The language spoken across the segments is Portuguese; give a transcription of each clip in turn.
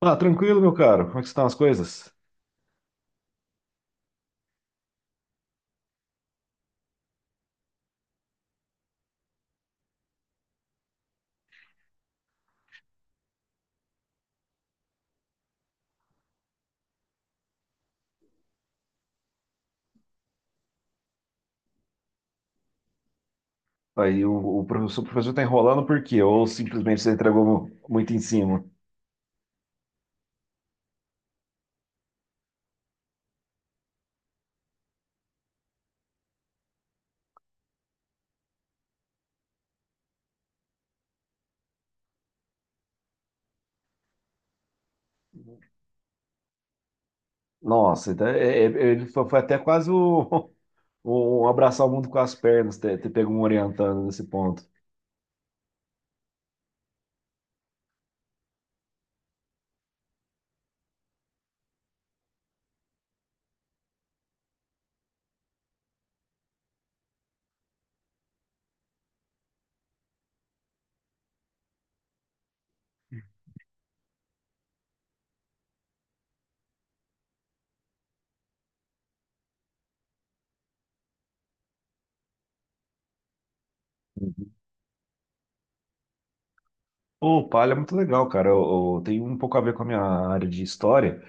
Ah, tranquilo, meu caro. Como é que estão as coisas? Aí o professor, o professor tá enrolando por quê? Ou simplesmente você entregou muito em cima? Nossa, então, é, ele foi até quase o, o abraçar o mundo com as pernas, ter pego um orientando nesse ponto. Pô, palha é muito legal, cara. Tem um pouco a ver com a minha área de história.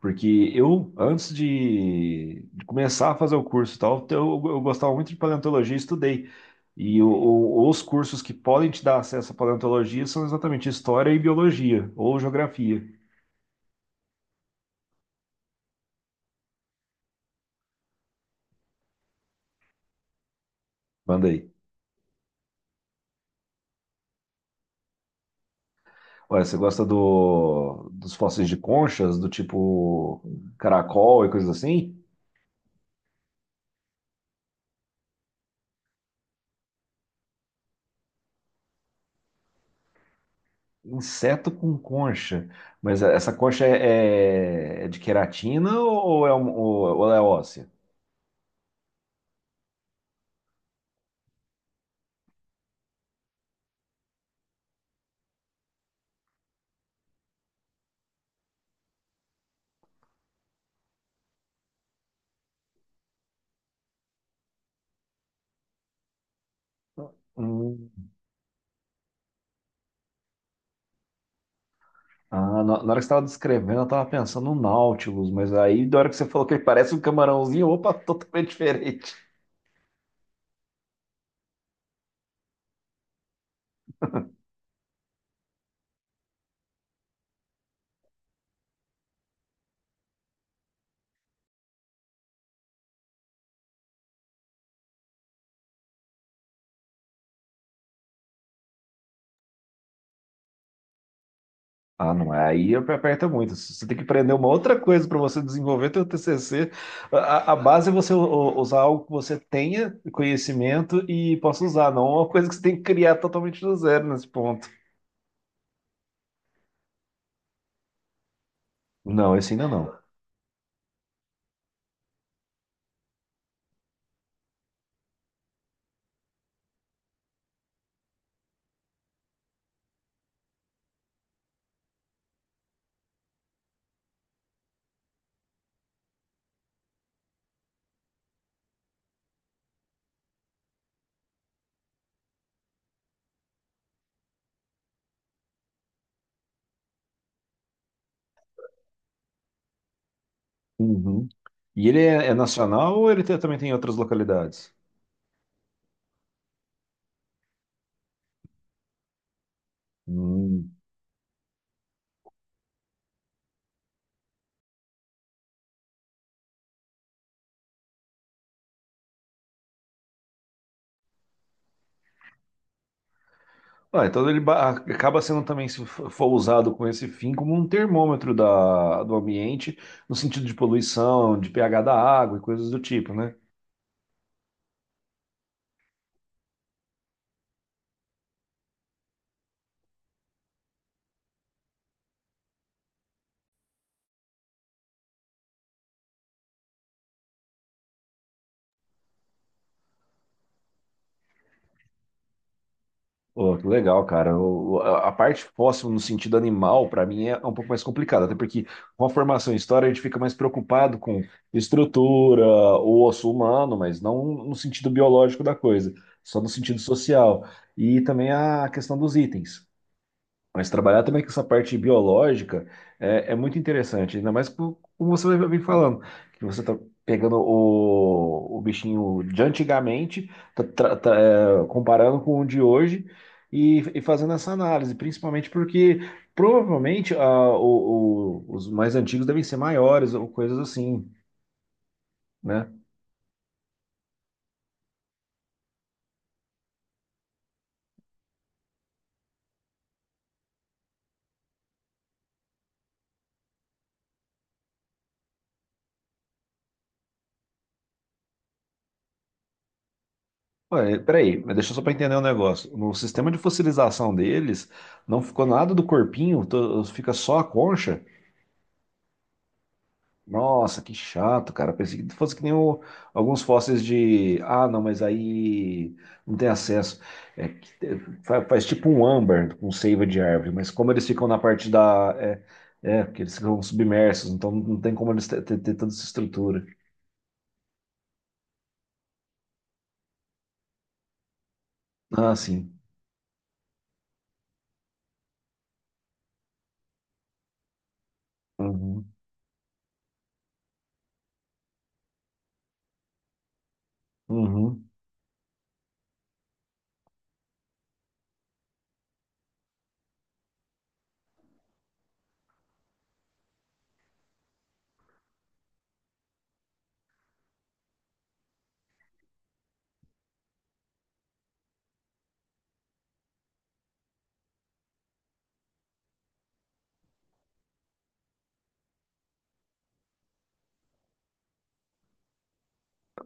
Porque eu, antes de começar a fazer o curso e tal, então eu gostava muito de paleontologia e estudei. E os cursos que podem te dar acesso à paleontologia são exatamente história e biologia, ou geografia. Manda aí. Olha, você gosta dos fósseis de conchas, do tipo caracol e coisas assim? Inseto com concha. Mas essa concha é, é de queratina ou é, ou ela é óssea? Hum. Ah, na hora que você tava descrevendo, eu tava pensando no Nautilus, mas aí da hora que você falou que ele parece um camarãozinho, opa, totalmente diferente. Ah, não, é. Aí aperta muito. Você tem que aprender uma outra coisa para você desenvolver teu TCC. A base é você usar algo que você tenha conhecimento e possa usar, não uma coisa que você tem que criar totalmente do zero nesse ponto. Não, esse ainda não. Uhum. E ele é, é nacional ou ele também tem em outras localidades? Hum. Ah, então ele acaba sendo também, se for usado com esse fim, como um termômetro da, do ambiente, no sentido de poluição, de pH da água e coisas do tipo, né? Pô, que legal, cara. A parte fóssil no sentido animal, para mim, é um pouco mais complicada, até porque com a formação em história a gente fica mais preocupado com estrutura, o osso humano, mas não no sentido biológico da coisa, só no sentido social. E também a questão dos itens. Mas trabalhar também com essa parte biológica é, é muito interessante, ainda mais como você vem falando, que você está pegando o bichinho de antigamente, tá, tá, é, comparando com o de hoje e fazendo essa análise, principalmente porque provavelmente ah, os mais antigos devem ser maiores ou coisas assim, né? Ué, peraí, mas deixa só para entender um negócio. No sistema de fossilização deles, não ficou nada do corpinho, fica só a concha. Nossa, que chato, cara. Pensei que fosse que nem alguns fósseis de. Ah, não, mas aí não tem acesso. É que faz, tipo um âmbar com seiva de árvore, mas como eles ficam na parte da. É, é, porque eles ficam submersos, então não tem como eles ter, tanta essa estrutura. Ah, sim. Uhum, uhum.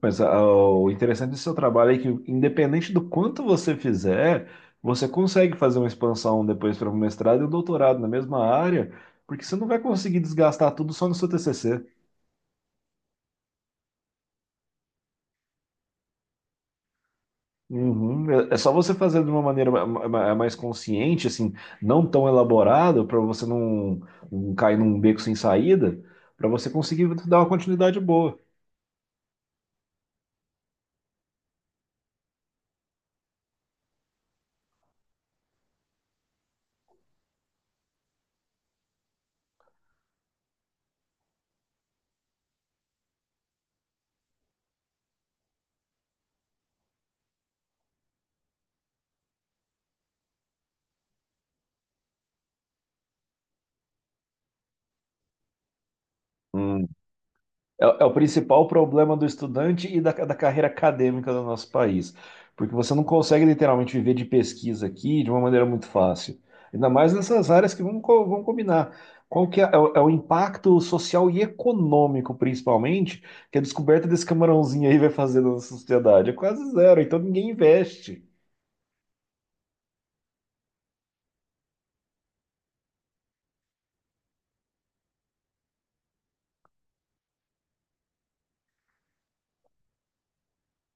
Mas ah, o interessante do seu trabalho é que, independente do quanto você fizer, você consegue fazer uma expansão depois para um mestrado e um doutorado na mesma área, porque você não vai conseguir desgastar tudo só no seu TCC. Uhum. É é só você fazer de uma maneira mais consciente, assim, não tão elaborada, para você não, não cair num beco sem saída, para você conseguir dar uma continuidade boa. É, é o principal problema do estudante e da, da carreira acadêmica do nosso país. Porque você não consegue literalmente viver de pesquisa aqui de uma maneira muito fácil. Ainda mais nessas áreas que vamos vão combinar. Qual que é, é o é o impacto social e econômico, principalmente, que a descoberta desse camarãozinho aí vai fazer na nossa sociedade? É quase zero, então ninguém investe.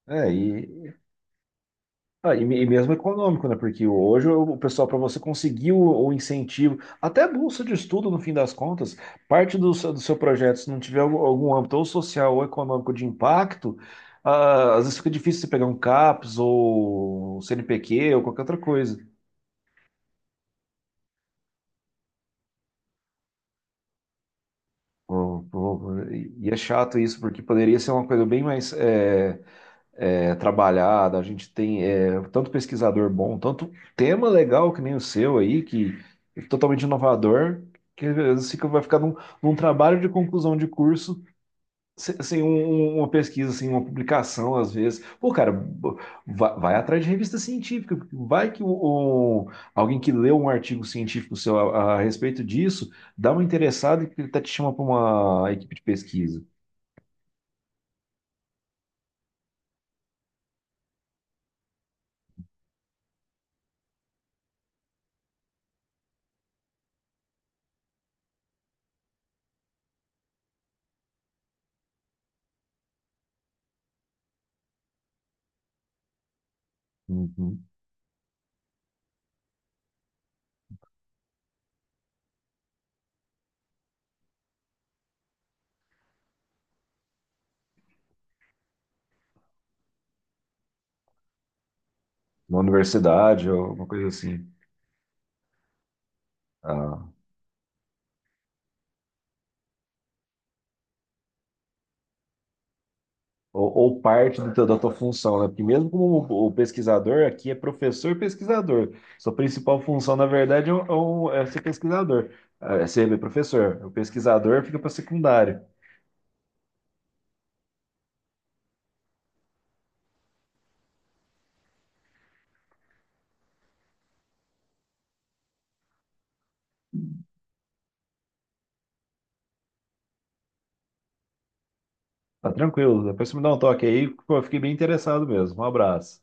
É, e ah, e mesmo econômico, né? Porque hoje o pessoal, para você conseguir o incentivo, até a bolsa de estudo, no fim das contas, parte do, do seu projeto, se não tiver algum, algum âmbito ou social ou econômico de impacto, ah, às vezes fica difícil você pegar um CAPS ou CNPq ou qualquer outra coisa. Ou- ou- e é chato isso, porque poderia ser uma coisa bem mais. É, trabalhada, a gente tem é, tanto pesquisador bom, tanto tema legal que nem o seu aí, que é totalmente inovador, que às vezes vai ficar num trabalho de conclusão de curso, assim, um, uma pesquisa, assim, uma publicação, às vezes. Pô, cara, vai, atrás de revista científica, porque vai que o, alguém que leu um artigo científico seu a respeito disso, dá uma interessada e ele até te chama para uma equipe de pesquisa. Uhum. Uma universidade, ou alguma coisa assim. Ah. Ou parte do da tua função, né? Porque mesmo como o pesquisador aqui é professor pesquisador, sua principal função, na verdade, é, é é ser pesquisador, é ser professor. O pesquisador fica para secundário. Tá tranquilo, depois você me dá um toque aí, pô, eu fiquei bem interessado mesmo. Um abraço.